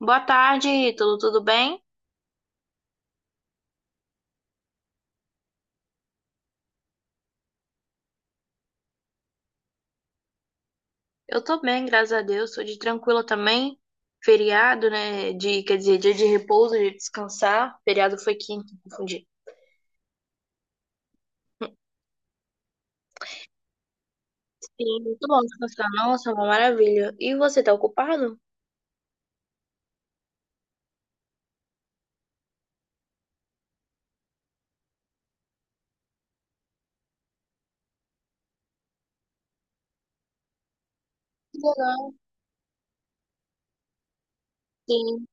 Boa tarde, tudo bem? Eu tô bem, graças a Deus. Tô de tranquila também. Feriado, né? De, quer dizer, dia de repouso, de descansar. Feriado foi quinta, confundi. Sim, muito bom descansar. Nossa, uma maravilha. E você tá ocupado? Que legal. Sim,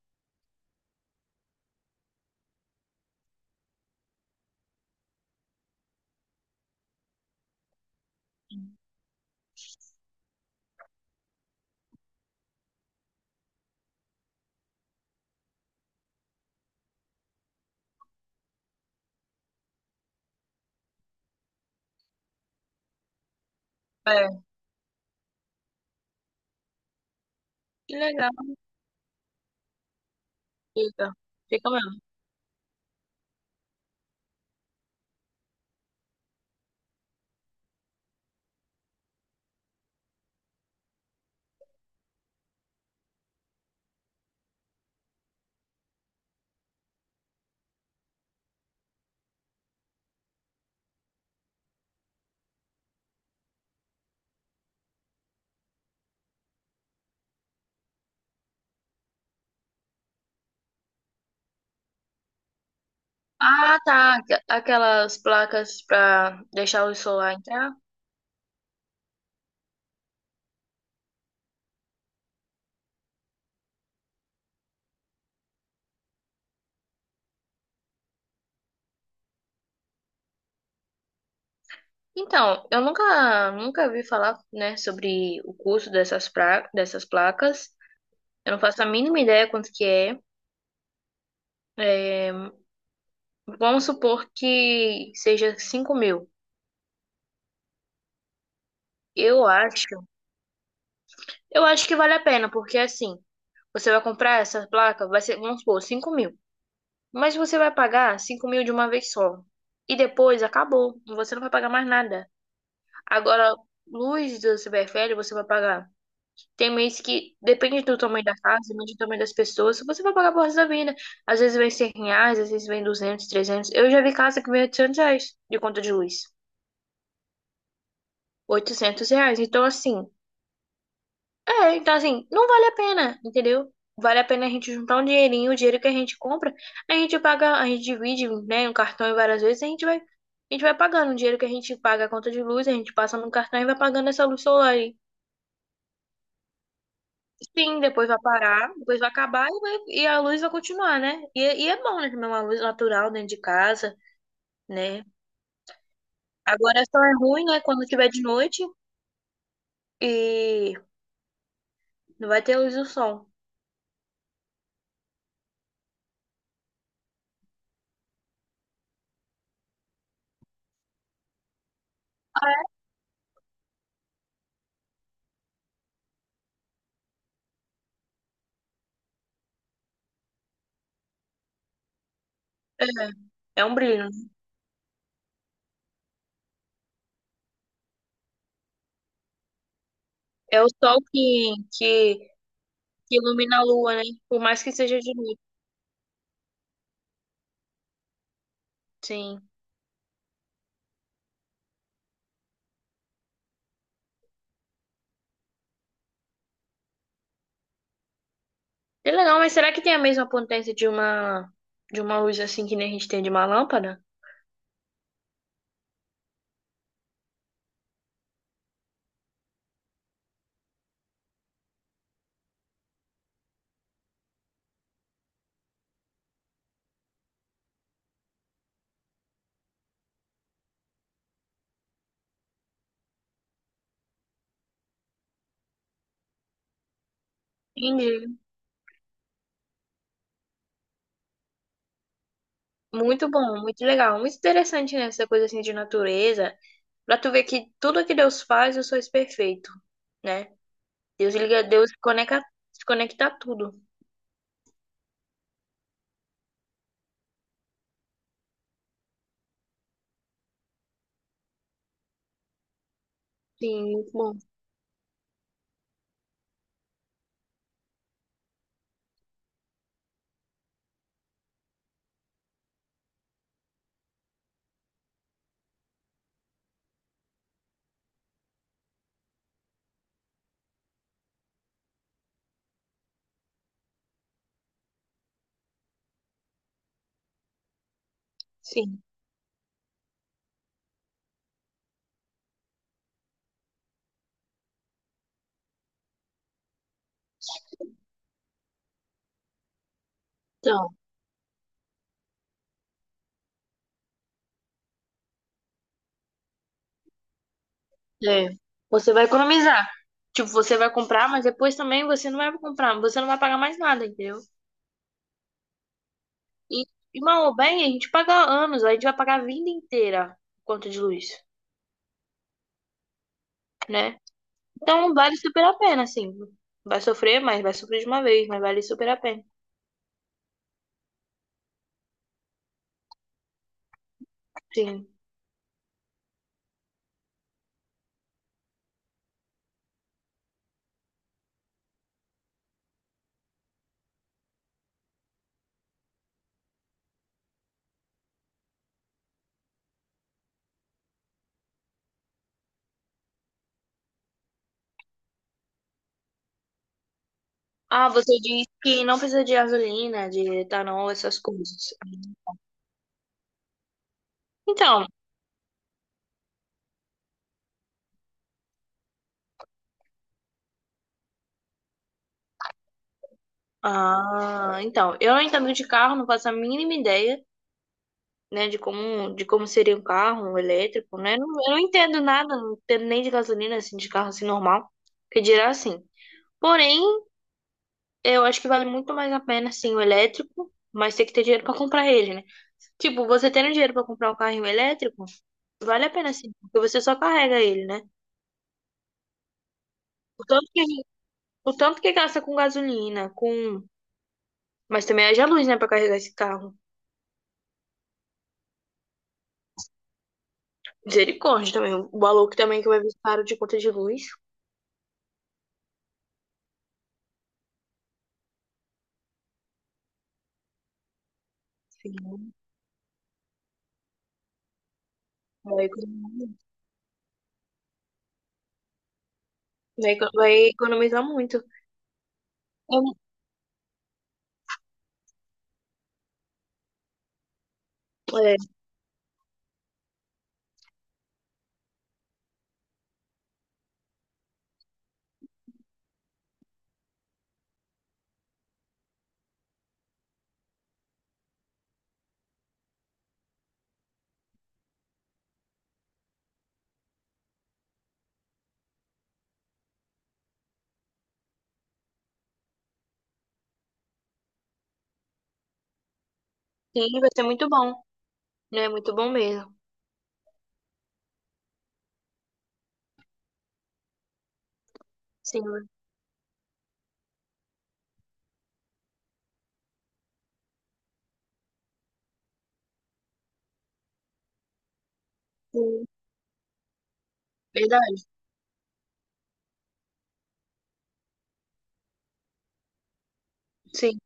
é. Que legal. Fica. Fica mesmo. Ah, tá. Aquelas placas pra deixar o solar entrar. Então, eu nunca vi falar, né, sobre o custo dessas, pra, dessas placas. Eu não faço a mínima ideia quanto que é. É, vamos supor que seja 5 mil. Eu acho, eu acho que vale a pena, porque assim, você vai comprar essa placa, vai ser, vamos supor, 5 mil. Mas você vai pagar 5 mil de uma vez só. E depois acabou. Você não vai pagar mais nada. Agora, luz do CPFL, você vai pagar. Tem mês que depende do tamanho da casa, depende do tamanho das pessoas, você vai pagar por resto da vida. Às vezes vem 100 reais, às vezes vem 200, 300. Eu já vi casa que vem 800 reais de conta de luz. 800 reais. Então, assim, é, então assim, não vale a pena, entendeu? Vale a pena a gente juntar um dinheirinho, o dinheiro que a gente compra, a gente paga, a gente divide, né, no cartão e várias vezes, a gente vai pagando o dinheiro que a gente paga a conta de luz, a gente passa no cartão e vai pagando essa luz solar aí. Sim, depois vai parar, depois vai acabar e, e a luz vai continuar, né? E é bom, né, também uma luz natural dentro de casa, né? Agora só é ruim, né, quando tiver de noite e não vai ter luz do sol. É, é um brilho. É o sol que ilumina a lua, né? Por mais que seja de noite, sim. É legal, mas será que tem a mesma potência de uma luz assim que nem a gente tem de uma lâmpada? Entendi. Muito bom, muito legal, muito interessante, né? Essa coisa assim de natureza, pra tu ver que tudo que Deus faz, eu sou perfeito, né? Deus liga, Deus conecta, conecta tudo. Sim, muito bom. Sim. Então, é, você vai economizar. Tipo, você vai comprar, mas depois também você não vai comprar, você não vai pagar mais nada, entendeu? E, mal ou bem, a gente paga anos, a gente vai pagar a vida inteira conta de luz, né? Então vale super a pena, assim. Vai sofrer, mas vai sofrer de uma vez, mas vale super a pena. Sim. Ah, você disse que não precisa de gasolina, de etanol, essas coisas. Então, ah, então, eu não entendo de carro, não faço a mínima ideia, né, de como seria um carro, um elétrico, né? Eu não entendo nada, não entendo nem de gasolina, assim, de carro assim normal, que dirá assim. Porém, eu acho que vale muito mais a pena, assim, o elétrico, mas tem que ter dinheiro pra comprar ele, né? Tipo, você tendo dinheiro pra comprar um carrinho elétrico, vale a pena sim, porque você só carrega ele, né? O tanto que, o tanto que gasta com gasolina, com. Mas também haja luz, né, pra carregar esse carro. Misericórdia também. O valor que também que vai vir caro de conta de luz. Sim, Vai economizar vai economizar muito. É, é, sim, vai ser muito bom, né? Muito bom mesmo. Sim, sim. Verdade. Sim.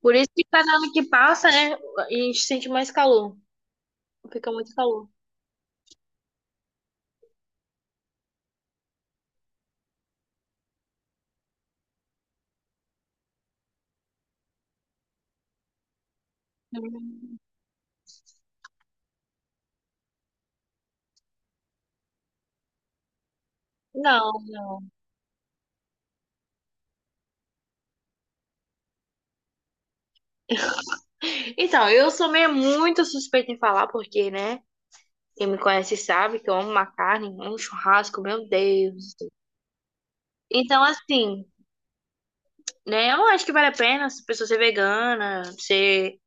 Por isso que cada ano que passa, né, a gente sente mais calor. Fica muito calor. Hum, Não, não. Então, eu sou meio muito suspeita em falar, porque, né? Quem me conhece sabe que eu amo uma carne, amo um churrasco, meu Deus. Então, assim, né? Eu não acho que vale a pena se pessoa ser vegana, ser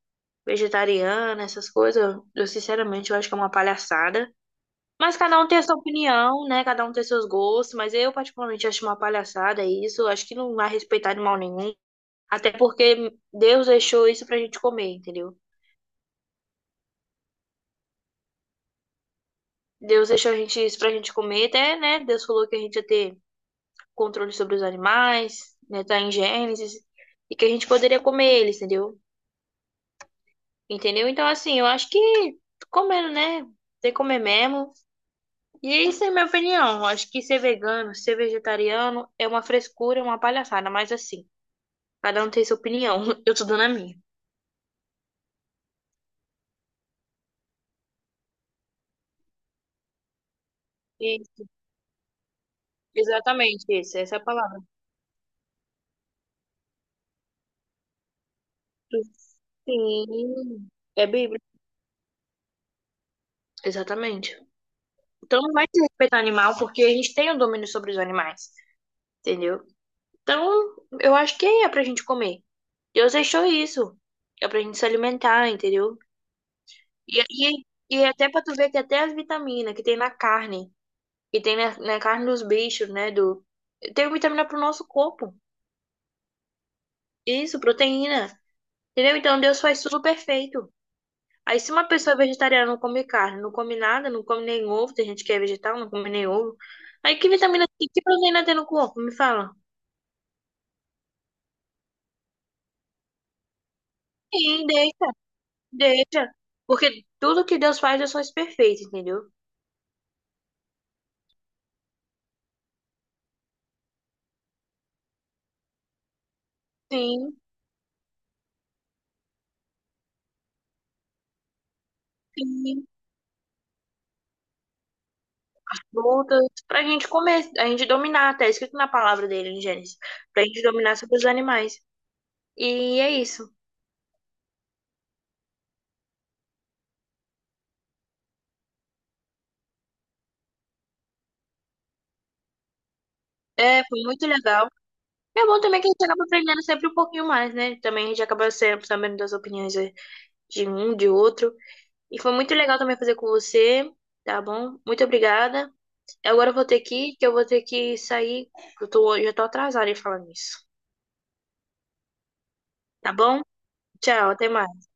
vegetariana, essas coisas. Eu, sinceramente, eu acho que é uma palhaçada. Mas cada um tem a sua opinião, né? Cada um tem seus gostos. Mas eu, particularmente, acho uma palhaçada isso. Eu acho que não vai respeitar animal nenhum. Até porque Deus deixou isso pra gente comer, entendeu? Deus deixou a gente isso pra gente comer, até, né? Deus falou que a gente ia ter controle sobre os animais, né? Tá em Gênesis, e que a gente poderia comer eles, entendeu? Entendeu? Então, assim, eu acho que comendo, né? Tem que comer mesmo. E é isso é minha opinião. Eu acho que ser vegano, ser vegetariano é uma frescura, é uma palhaçada, mas assim, cada um tem sua opinião. Eu tô dando a minha. E, exatamente isso, essa é a palavra. Sim, é bíblico. Exatamente. Então não vai ter respeito ao animal, porque a gente tem o domínio sobre os animais, entendeu? Então, eu acho que é pra gente comer. Deus deixou isso. É pra gente se alimentar, entendeu? E, e, e é até pra tu ver que até as vitaminas que tem na carne, que tem na, na carne dos bichos, né? Do, tem vitamina pro nosso corpo. Isso, proteína. Entendeu? Então Deus faz tudo perfeito. Aí, se uma pessoa é vegetariana não come carne, não come nada, não come nem ovo, tem gente que é vegetal, não come nem ovo. Aí, que vitamina, C, que proteína tem no corpo? Me fala. Sim, deixa, deixa. Porque tudo que Deus faz perfeito, entendeu? Sim, sim. Voltas. Pra gente comer, a gente dominar, até escrito na palavra dele em Gênesis. Pra gente dominar sobre os animais. E é isso. É, foi muito legal. É bom também que a gente acaba aprendendo sempre um pouquinho mais, né? Também a gente acaba sempre sabendo das opiniões de um, de outro. E foi muito legal também fazer com você, tá bom? Muito obrigada. Agora eu vou ter que ir, que eu vou ter que sair, que eu tô, já tô atrasada em falar nisso. Tá bom? Tchau, até mais.